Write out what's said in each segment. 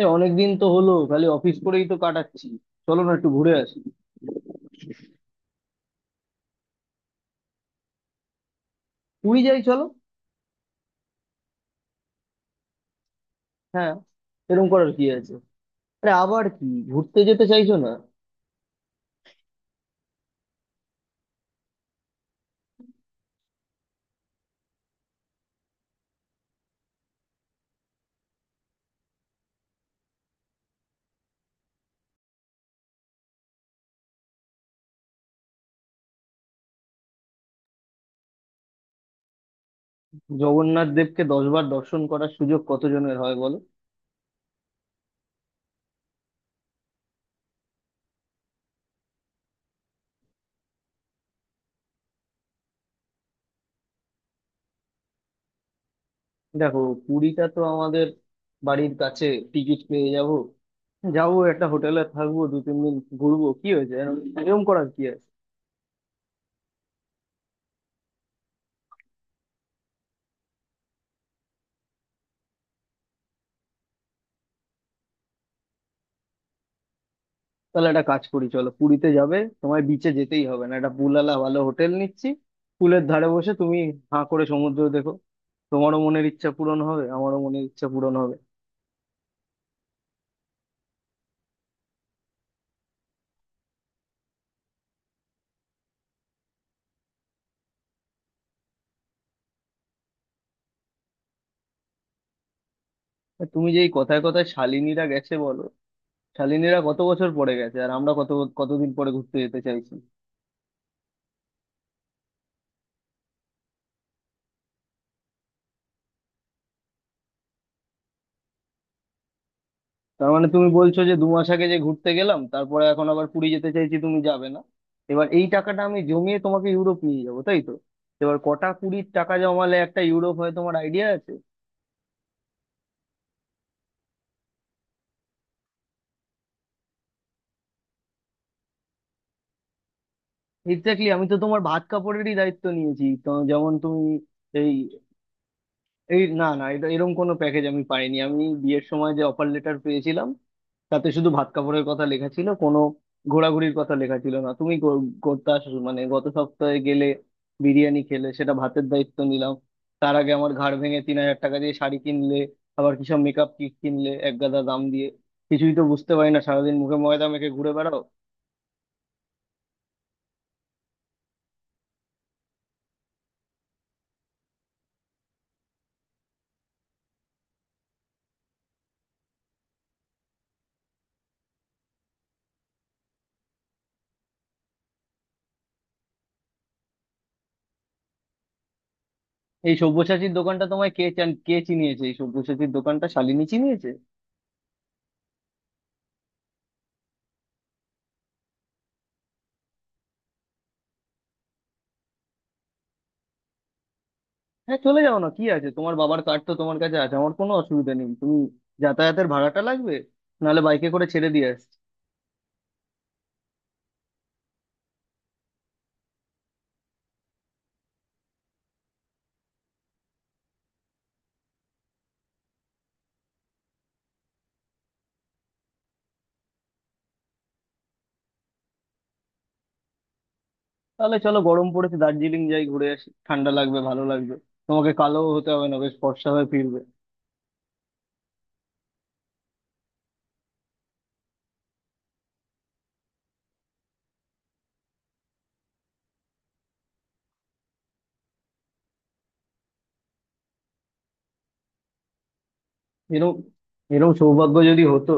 অনেকদিন তো হলো খালি অফিস করেই তো কাটাচ্ছি। চলো না একটু ঘুরে আসি। পুরী যাই চলো। হ্যাঁ, এরকম করার কি আছে? আরে আবার কি, ঘুরতে যেতে চাইছো না? জগন্নাথ দেবকে 10 বার দর্শন করার সুযোগ কতজনের হয় বলো। দেখো, পুরীটা তো আমাদের বাড়ির কাছে, টিকিট পেয়ে যাব, যাবো একটা হোটেলে থাকবো 2-3 দিন, ঘুরবো, কি হয়েছে এরকম এরকম করার কি আছে? তাহলে একটা কাজ করি, চলো পুরীতে যাবে, তোমায় বিচে যেতেই হবে না, একটা পুলালা ভালো হোটেল নিচ্ছি, পুলের ধারে বসে তুমি হাঁ করে সমুদ্র দেখো, তোমারও মনের ইচ্ছা পূরণ হবে আমারও মনের ইচ্ছা পূরণ হবে। আর তুমি যে এই কথায় কথায় শালিনীরা গেছে বলো, শালিনীরা কত বছর পরে গেছে আর আমরা কত, কতদিন পরে ঘুরতে যেতে চাইছি? তার মানে তুমি বলছো যে 2 মাস আগে যে ঘুরতে গেলাম তারপরে এখন আবার পুরী যেতে চাইছি, তুমি যাবে না। এবার এই টাকাটা আমি জমিয়ে তোমাকে ইউরোপ নিয়ে যাবো, তাই তো? এবার কটা কুড়ির টাকা জমালে একটা ইউরোপ হয় তোমার আইডিয়া আছে? এক্স্যাক্টলি, আমি তো তোমার ভাত কাপড়েরই দায়িত্ব নিয়েছি, তো যেমন তুমি। এই এই না না এটা এরকম কোনো প্যাকেজ আমি পাইনি, আমি বিয়ের সময় যে অফার লেটার পেয়েছিলাম তাতে শুধু ভাত কাপড়ের কথা লেখা ছিল, কোনো ঘোরাঘুরির কথা লেখা ছিল না। তুমি করতে আসো মানে, গত সপ্তাহে গেলে বিরিয়ানি খেলে, সেটা ভাতের দায়িত্ব নিলাম। তার আগে আমার ঘাড় ভেঙে 3,000 টাকা দিয়ে শাড়ি কিনলে, আবার কিসব মেকআপ কিট কিনলে এক গাদা দাম দিয়ে, কিছুই তো বুঝতে পারি না, সারাদিন মুখে ময়দা মেখে ঘুরে বেড়াও। এই সব্যসাচীর দোকানটা তোমায় কে চান, কে চিনিয়েছে? এই সব্যসাচীর দোকানটা শালিনী চিনিয়েছে। হ্যাঁ চলে যাও না, কি আছে, তোমার বাবার কার্ড তো তোমার কাছে আছে, আমার কোনো অসুবিধা নেই। তুমি যাতায়াতের ভাড়াটা লাগবে, নাহলে বাইকে করে ছেড়ে দিয়ে আসছি। তাহলে চলো গরম পড়েছে, দার্জিলিং যাই, ঘুরে আসি, ঠান্ডা লাগবে, ভালো লাগবে। তোমাকে কালো হতে হবে না, বেশ ফর্সা হয়ে ফিরবে। এরকম এরকম সৌভাগ্য যদি হতো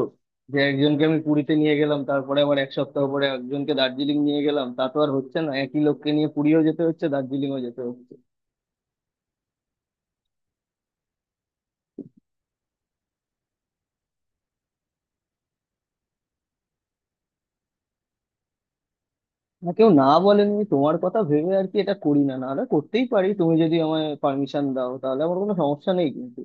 যে একজনকে আমি পুরীতে নিয়ে গেলাম তারপরে আবার 1 সপ্তাহ পরে একজনকে দার্জিলিং নিয়ে গেলাম, তা তো আর হচ্ছে না, একই লোককে নিয়ে পুরীও যেতে হচ্ছে দার্জিলিংও যেতে হচ্ছে। না কেউ না বলেনি, আমি তোমার কথা ভেবে আর কি এটা করি না, নাহলে করতেই পারি, তুমি যদি আমায় পারমিশন দাও তাহলে আমার কোনো সমস্যা নেই, কিন্তু।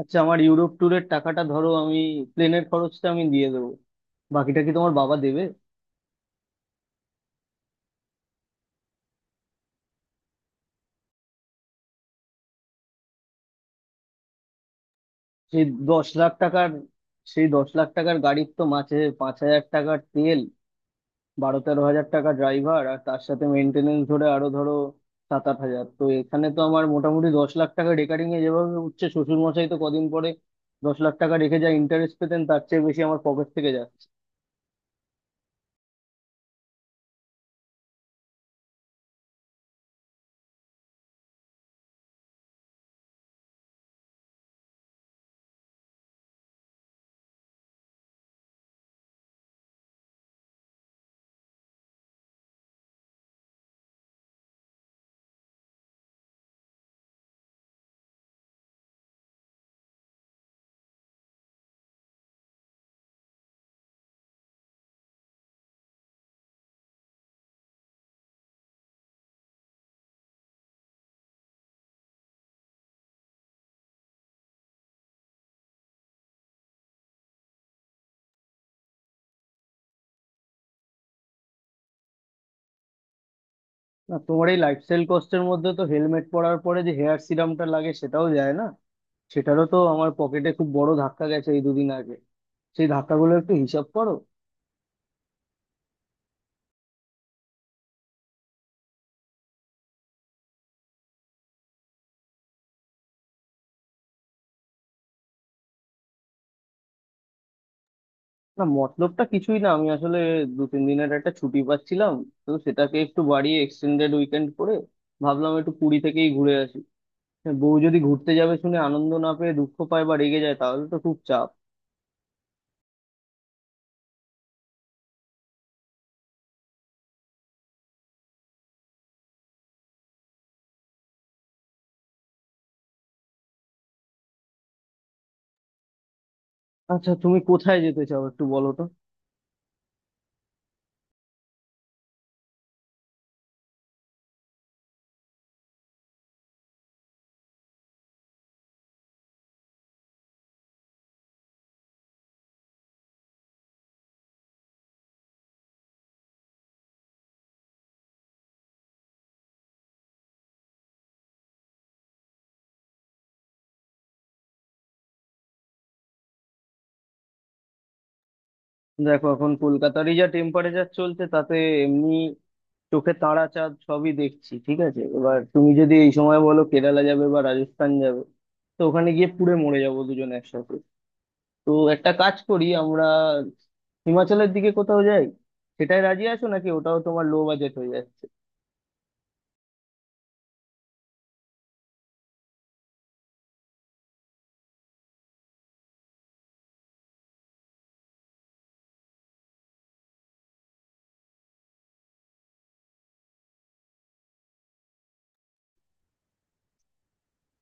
আচ্ছা, আমার ইউরোপ ট্যুরের টাকাটা ধরো, আমি প্লেনের খরচটা আমি দিয়ে দেবো, বাকিটা কি তোমার বাবা দেবে? সেই দশ লাখ টাকার সেই দশ লাখ টাকার গাড়ির তো মাঝে 5,000 টাকার তেল, 12-13 হাজার টাকা ড্রাইভার, আর তার সাথে মেনটেনেন্স ধরে আরো ধরো 7-8 হাজার, তো এখানে তো আমার মোটামুটি 10 লাখ টাকা রেকারিং এ যেভাবে উঠছে, শ্বশুর মশাই তো কদিন পরে 10 লাখ টাকা রেখে যা ইন্টারেস্ট পেতেন তার চেয়ে বেশি আমার পকেট থেকে যাচ্ছে। না তোমার এই লাইফস্টাইল কস্টের মধ্যে তো হেলমেট পরার পরে যে হেয়ার সিরামটা লাগে সেটাও যায় না, সেটারও তো আমার পকেটে খুব বড় ধাক্কা গেছে এই দুদিন আগে, সেই ধাক্কাগুলো একটু হিসাব করো। না মতলবটা কিছুই না, আমি আসলে দু তিন দিনের একটা ছুটি পাচ্ছিলাম, তো সেটাকে একটু বাড়িয়ে এক্সটেন্ডেড উইকেন্ড করে ভাবলাম একটু পুরী থেকেই ঘুরে আসি। বউ যদি ঘুরতে যাবে শুনে আনন্দ না পেয়ে দুঃখ পায় বা রেগে যায়, তাহলে তো খুব চাপ। আচ্ছা তুমি কোথায় যেতে চাও একটু বলো তো। দেখো, এখন কলকাতারই যা টেম্পারেচার চলছে তাতে এমনি চোখে তারা চাঁদ সবই দেখছি, ঠিক আছে, এবার তুমি যদি এই সময় বলো কেরালা যাবে বা রাজস্থান যাবে, তো ওখানে গিয়ে পুড়ে মরে যাবো দুজন একসাথে। তো একটা কাজ করি আমরা, হিমাচলের দিকে কোথাও যাই, সেটাই রাজি আছো নাকি? ওটাও তোমার লো বাজেট হয়ে যাচ্ছে?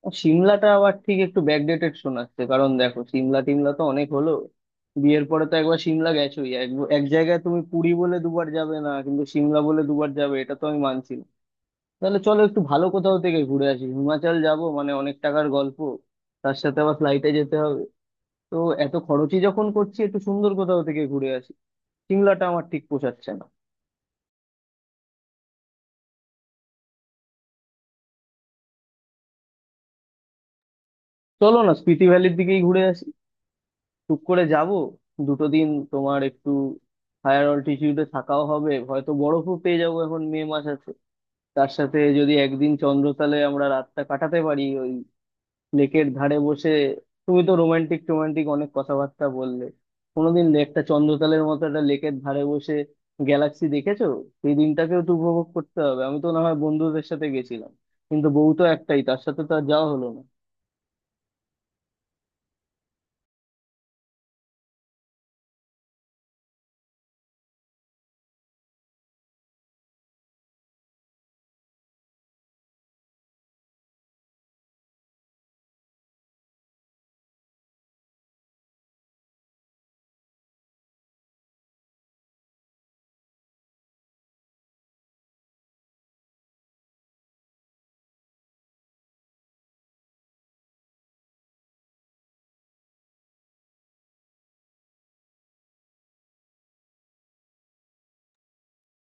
আর সিমলাটা আবার ঠিক একটু ব্যাকডেটেড শোনাচ্ছে, কারণ দেখো সিমলা টিমলা তো অনেক হলো, বিয়ের পরে তো একবার সিমলা গেছোই। এক এক জায়গায় তুমি পুরী বলে 2 বার যাবে না কিন্তু সিমলা বলে 2 বার যাবে, এটা তো আমি মানছি না। তাহলে চলো একটু ভালো কোথাও থেকে ঘুরে আসি, হিমাচল যাব মানে অনেক টাকার গল্প, তার সাথে আবার ফ্লাইটে যেতে হবে, তো এত খরচই যখন করছি একটু সুন্দর কোথাও থেকে ঘুরে আসি, সিমলাটা আমার ঠিক পোষাচ্ছে না। চলো না স্পিতি ভ্যালির দিকেই ঘুরে আসি, টুক করে যাব, 2 দিন তোমার একটু হায়ার অল্টিটিউডে থাকাও হবে, হয়তো বরফও পেয়ে যাবো, এখন মে মাস আছে। তার সাথে যদি একদিন চন্দ্রতালে আমরা রাতটা কাটাতে পারি, ওই লেকের ধারে বসে, তুমি তো রোমান্টিক টোমান্টিক অনেক কথাবার্তা বললে, কোনোদিন একটা চন্দ্রতালের মতো একটা লেকের ধারে বসে গ্যালাক্সি দেখেছো? সেই দিনটাকেও তো উপভোগ করতে হবে, আমি তো না হয় বন্ধুদের সাথে গেছিলাম, কিন্তু বউ তো একটাই, তার সাথে তো আর যাওয়া হলো না।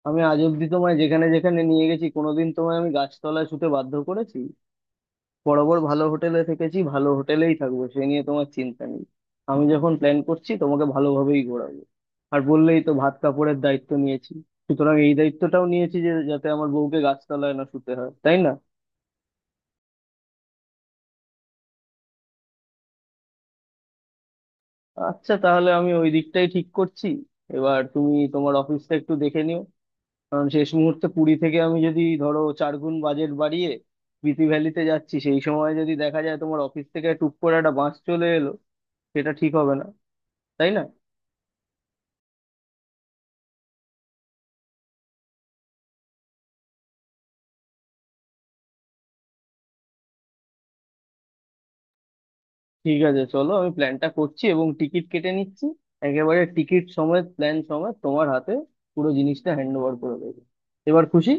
আমি আজ অব্দি তোমায় যেখানে যেখানে নিয়ে গেছি, কোনোদিন তোমায় আমি গাছতলায় শুতে বাধ্য করেছি? বরাবর ভালো হোটেলে থেকেছি, ভালো হোটেলেই থাকবো, সে নিয়ে তোমার চিন্তা নেই। আমি যখন প্ল্যান করছি তোমাকে ভালোভাবেই ঘোরাবো। আর বললেই তো ভাত কাপড়ের দায়িত্ব নিয়েছি, সুতরাং এই দায়িত্বটাও নিয়েছি যে যাতে আমার বউকে গাছতলায় না শুতে হয়, তাই না? আচ্ছা তাহলে আমি ওই দিকটাই ঠিক করছি। এবার তুমি তোমার অফিসটা একটু দেখে নিও, কারণ শেষ মুহূর্তে পুরী থেকে আমি যদি ধরো 4 গুণ বাজেট বাড়িয়ে বিথি ভ্যালিতে যাচ্ছি, সেই সময় যদি দেখা যায় তোমার অফিস থেকে টুক করে একটা বাস চলে এলো, সেটা ঠিক হবে না, তাই না? ঠিক আছে চলো, আমি প্ল্যানটা করছি এবং টিকিট কেটে নিচ্ছি, একেবারে টিকিট সমেত প্ল্যান সমেত তোমার হাতে পুরো জিনিসটা হ্যান্ড ওভার করে দেবো। এবার খুশি?